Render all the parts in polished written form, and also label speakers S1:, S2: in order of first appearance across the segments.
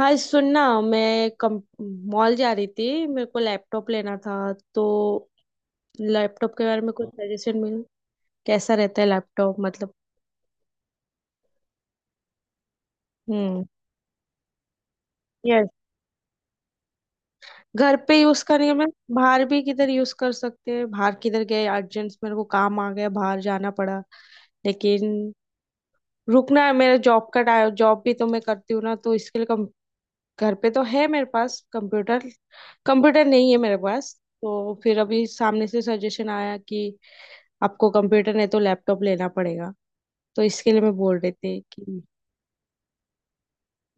S1: हाँ, सुनना। मैं कम मॉल जा रही थी, मेरे को लैपटॉप लेना था। तो लैपटॉप के बारे में कुछ सजेशन मिल, कैसा रहता है लैपटॉप मतलब। हम्म। यस। घर पे यूज करेंगे, मैं बाहर भी किधर यूज कर सकते हैं, बाहर किधर गए अर्जेंट मेरे को काम आ गया बाहर जाना पड़ा। लेकिन रुकना है मेरा जॉब का, जॉब भी तो मैं करती हूँ ना, तो इसके लिए कम। घर पे तो है मेरे पास कंप्यूटर, कंप्यूटर नहीं है मेरे पास। तो फिर अभी सामने से सजेशन आया कि आपको कंप्यूटर नहीं तो लैपटॉप लेना पड़ेगा। तो इसके लिए मैं बोल रही थी कि।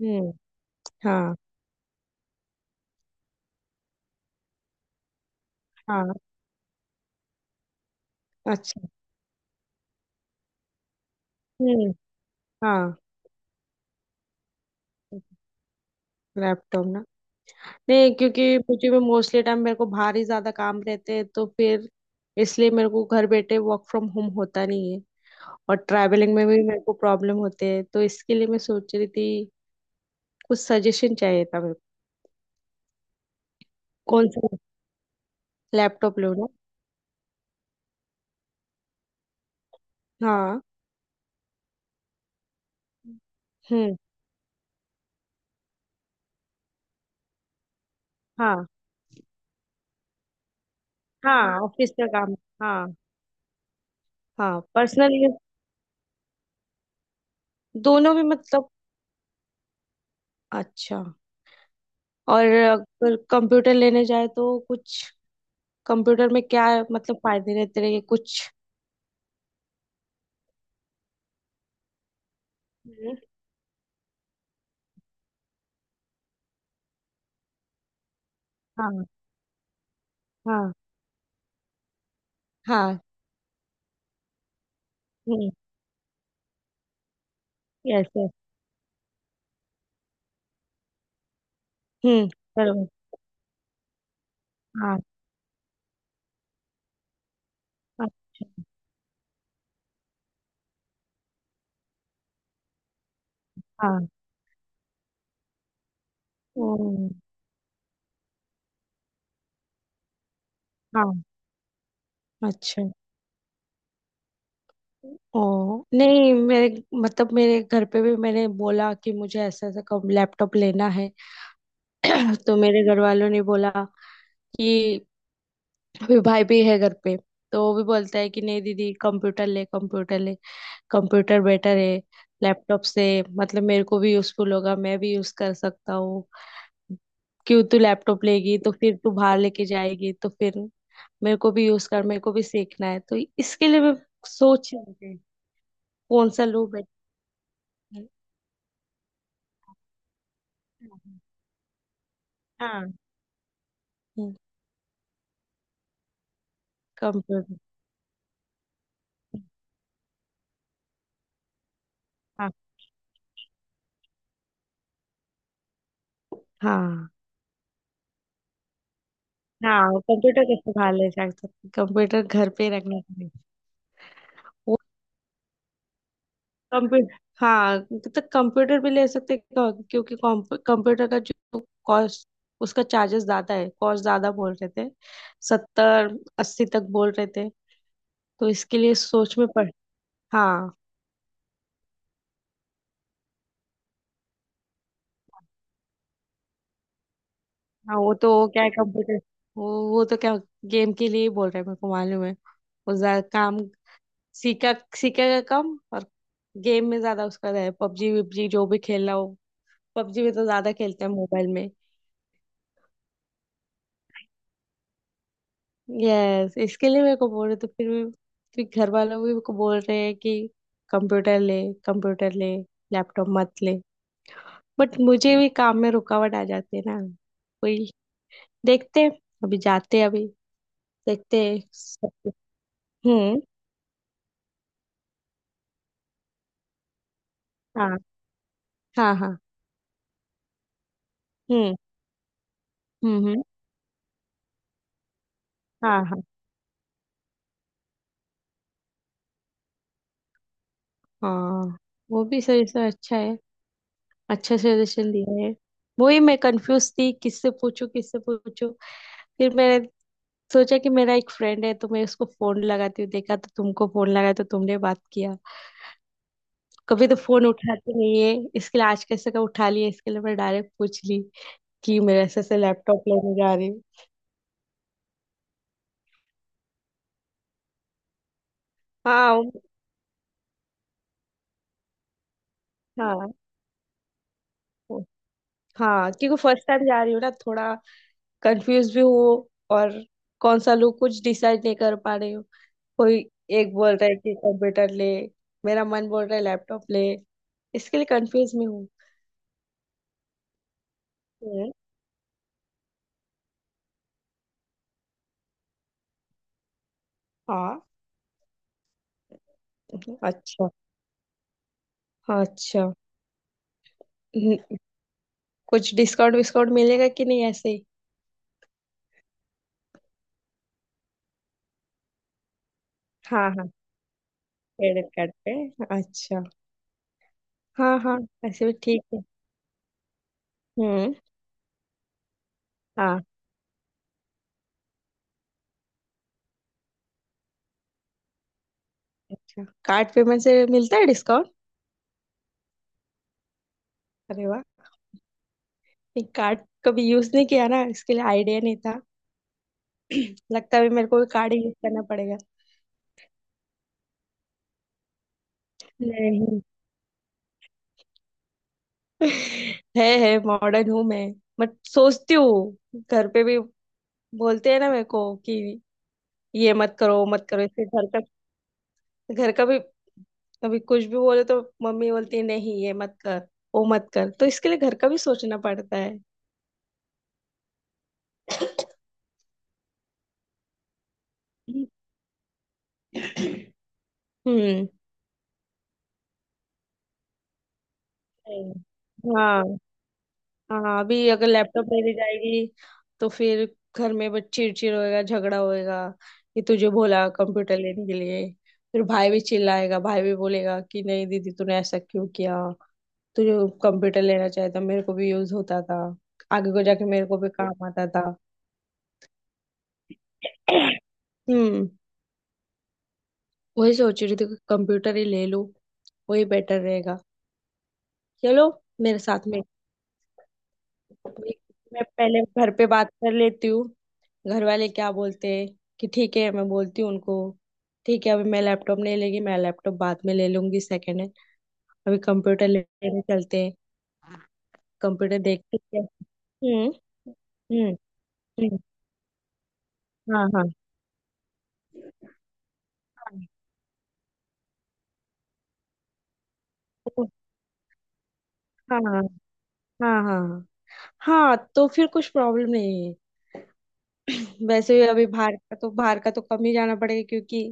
S1: हम्म। हाँ। हाँ। अच्छा। हम्म। हाँ। लैपटॉप ना। नहीं, क्योंकि मुझे में मोस्टली टाइम मेरे को बाहर ही ज्यादा काम रहते हैं, तो फिर इसलिए मेरे को घर बैठे वर्क फ्रॉम होम होता नहीं है। और ट्रैवलिंग में भी मेरे को प्रॉब्लम होते हैं, तो इसके लिए मैं सोच रही थी। कुछ सजेशन चाहिए था मेरे को। कौन सा लैपटॉप लो ना। हाँ। हम्म। हाँ। हाँ, ऑफिस का काम। हाँ। हाँ, पर्सनल दोनों भी मतलब। अच्छा। और अगर कंप्यूटर लेने जाए तो कुछ कंप्यूटर में क्या मतलब फायदे रहते रहेंगे कुछ। हम्म। हाँ। हाँ। हाँ। हम्म। Yes, yes. हम्म। बरोबर। हाँ। हाँ। हाँ। हम्म, हाँ। अच्छा। ओ नहीं, मेरे मतलब मेरे घर पे भी मैंने बोला कि मुझे ऐसा ऐसा कम लैपटॉप लेना है। तो मेरे घर वालों ने बोला कि अभी भाई भी है घर पे, तो वो भी बोलता है कि नहीं दीदी कंप्यूटर ले, कंप्यूटर ले। कंप्यूटर बेटर है लैपटॉप से, मतलब मेरे को भी यूजफुल होगा, मैं भी यूज कर सकता हूँ। क्यों तू लैपटॉप लेगी तो फिर तू बाहर लेके जाएगी, तो फिर मेरे को भी यूज कर, मेरे को भी सीखना है। तो इसके लिए मैं सोच रही थी कौन सा लूँ बेटर। है। हाँ। कंप्यूटर। हाँ। हाँ। हाँ, कंप्यूटर कैसे बाहर ले जा सकते, कंप्यूटर घर पे रखना चाहिए। कंप्यू, हाँ, तो कंप्यूटर भी ले सकते हैं, क्योंकि कंप्यूटर का जो कॉस्ट, उसका चार्जेस ज्यादा है, कॉस्ट ज्यादा बोल रहे थे। सत्तर अस्सी तक बोल रहे थे। तो इसके लिए सोच में पड़। हाँ। हाँ, वो तो वो क्या है, कंप्यूटर वो तो क्या गेम के लिए ही बोल रहे हैं मेरे को मालूम है। वो ज्यादा काम सीखा, सीखेगा कम और गेम में ज्यादा उसका है। पबजी वबजी जो भी खेलना हो, पबजी में तो ज्यादा खेलते हैं मोबाइल में। यस, इसके लिए मेरे को बोल रहे तो फिर भी फिर घर वालों भी मेरे को बोल रहे हैं कि कंप्यूटर ले, कंप्यूटर ले, लैपटॉप मत ले। बट मुझे भी काम में रुकावट आ जाती है ना। वही देखते हैं, अभी जाते हैं अभी। देखते हैं सब कुछ। हम्म। हाँ। हाँ। हाँ। हम्म। हम्म। हाँ। हाँ। हाँ, वो भी सजेशन अच्छा है। अच्छा सजेशन दिया है। वही मैं कंफ्यूज थी किससे पूछूं, किससे पूछूं। फिर मैंने सोचा कि मेरा एक फ्रेंड है, तो मैं उसको फोन लगाती हूँ। देखा तो तुमको फोन लगाया तो तुमने बात किया। कभी तो फोन उठाते नहीं है, इसके लिए आज कैसे का उठा लिया, इसके लिए मैं डायरेक्ट पूछ ली कि मेरे ऐसे ऐसे लैपटॉप लेने जा रही हूँ। हाँ। हाँ। उ- हाँ, क्योंकि फर्स्ट टाइम जा रही हूँ ना, थोड़ा कंफ्यूज भी हूँ। और कौन सा लूँ कुछ डिसाइड नहीं कर पा रही हूँ। कोई एक बोल रहा है कि कंप्यूटर ले, मेरा मन बोल रहा है लैपटॉप ले, इसके लिए कंफ्यूज में हूँ। हम्म, हाँ। अच्छा। हाँ, अच्छा। हम्म, कुछ डिस्काउंट विस्काउंट मिलेगा कि नहीं ऐसे ही। हाँ, हाँ, क्रेडिट कार्ड पे। अच्छा। हाँ, हाँ, ऐसे भी ठीक है। हम्म। हाँ। अच्छा, कार्ड पेमेंट से मिलता है डिस्काउंट। अरे वाह। नहीं, कार्ड कभी यूज नहीं किया ना, इसके लिए आइडिया नहीं था। लगता है मेरे को भी कार्ड ही यूज करना पड़ेगा। नहीं। है, मॉडर्न हूँ मैं। बट सोचती हूँ घर पे भी बोलते हैं ना मेरे को कि ये मत करो वो मत करो, इससे घर का भी कभी कुछ भी बोले तो मम्मी बोलती है नहीं ये मत कर वो मत कर, तो इसके लिए घर का भी सोचना पड़ता है। हम्म। हम्म। हाँ। हाँ, अभी अगर लैपटॉप नहीं ले जाएगी तो फिर घर में बस चिड़चिड़ होएगा, झगड़ा होएगा कि तुझे बोला कंप्यूटर लेने के लिए। फिर भाई भी चिल्लाएगा, भाई भी बोलेगा कि नहीं दीदी तूने ऐसा क्यों किया, तुझे कंप्यूटर लेना चाहिए था, मेरे को भी यूज होता था। आगे को जाके मेरे को भी काम आता था। हम्म। वही सोच रही थी कंप्यूटर ही ले लूं, वही बेटर रहेगा। चलो मेरे साथ में। मैं पहले घर पे बात कर लेती हूँ, घर वाले क्या बोलते हैं, कि ठीक है, मैं बोलती हूँ उनको, ठीक है अभी मैं लैपटॉप नहीं लेगी, मैं लैपटॉप बाद में ले लूंगी सेकेंड हैंड। अभी कंप्यूटर लेने चलते हैं, कंप्यूटर देखते हैं। हम्म। हम्म। हम्म, हाँ। हाँ। हाँ। हाँ। हाँ। हाँ। हाँ तो फिर कुछ प्रॉब्लम नहीं है। वैसे भी अभी बाहर का तो, बाहर का तो कम ही जाना पड़ेगा, क्योंकि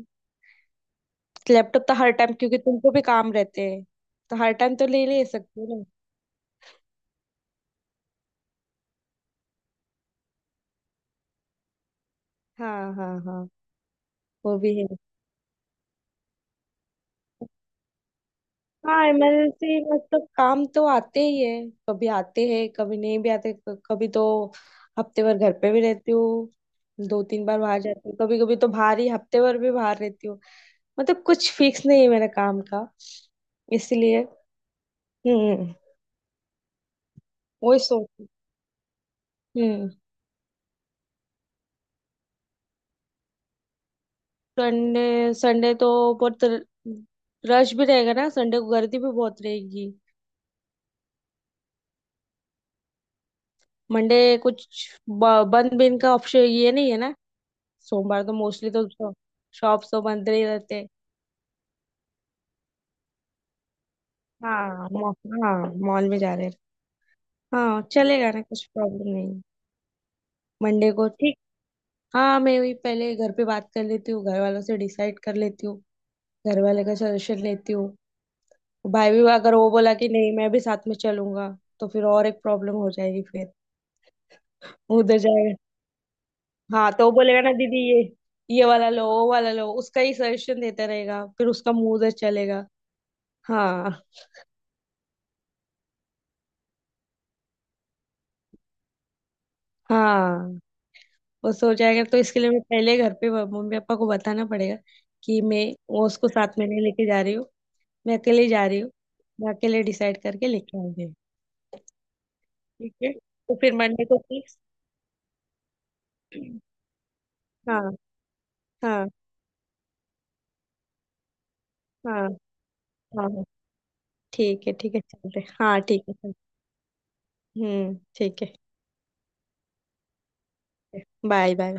S1: लैपटॉप तो हर टाइम, क्योंकि तुमको भी काम रहते हैं, तो हर टाइम तो ले ले सकते हो ना। हाँ। हाँ। हाँ, वो भी है। हाँ, इमरजेंसी मतलब काम तो आते ही है, कभी आते हैं कभी नहीं भी आते। कभी तो हफ्ते भर घर पे भी रहती हूँ, दो तीन बार बाहर जाती हूँ, कभी कभी तो बाहर ही हफ्ते भर भी बाहर रहती हूँ। मतलब कुछ फिक्स नहीं है मेरे काम का, इसलिए। हम्म। वही सोच। हम्म। संडे, संडे तो बहुत रश भी रहेगा ना, संडे को गर्दी भी बहुत रहेगी। मंडे कुछ बंद भी इनका ऑप्शन ये नहीं है ना। सोमवार तो मोस्टली तो शॉप्स तो बंद नहीं रहते हैं। हाँ, हाँ मॉल में जा रहे हैं। हाँ चलेगा ना, कुछ प्रॉब्लम नहीं है। मंडे को ठीक। हाँ, मैं वही पहले घर पे बात कर लेती हूँ, घर वालों से डिसाइड कर लेती हूँ, घर वाले का सजेशन लेती हूँ। भाई भी अगर वो बोला कि नहीं मैं भी साथ में चलूंगा, तो फिर और एक प्रॉब्लम हो जाएगी। फिर उधर जाएगा। हाँ, तो वो बोलेगा ना दीदी ये वाला लो वो वाला लो, उसका ही सजेशन देता रहेगा, फिर उसका मुंह उधर चलेगा। हाँ। हाँ, वो सो जाएगा तो इसके लिए मैं पहले घर पे मम्मी पापा को बताना पड़ेगा कि मैं वो उसको साथ में नहीं लेके जा रही हूँ। मैं अकेले जा रही हूँ, मैं अकेले डिसाइड करके लेके आऊंगी। ठीक है तो फिर मंडे को फिक्स। हाँ। हाँ। हाँ। हाँ। हाँ, ठीक है, ठीक है, चलते, हाँ, ठीक है, चलते। हम्म, ठीक है। Bye bye.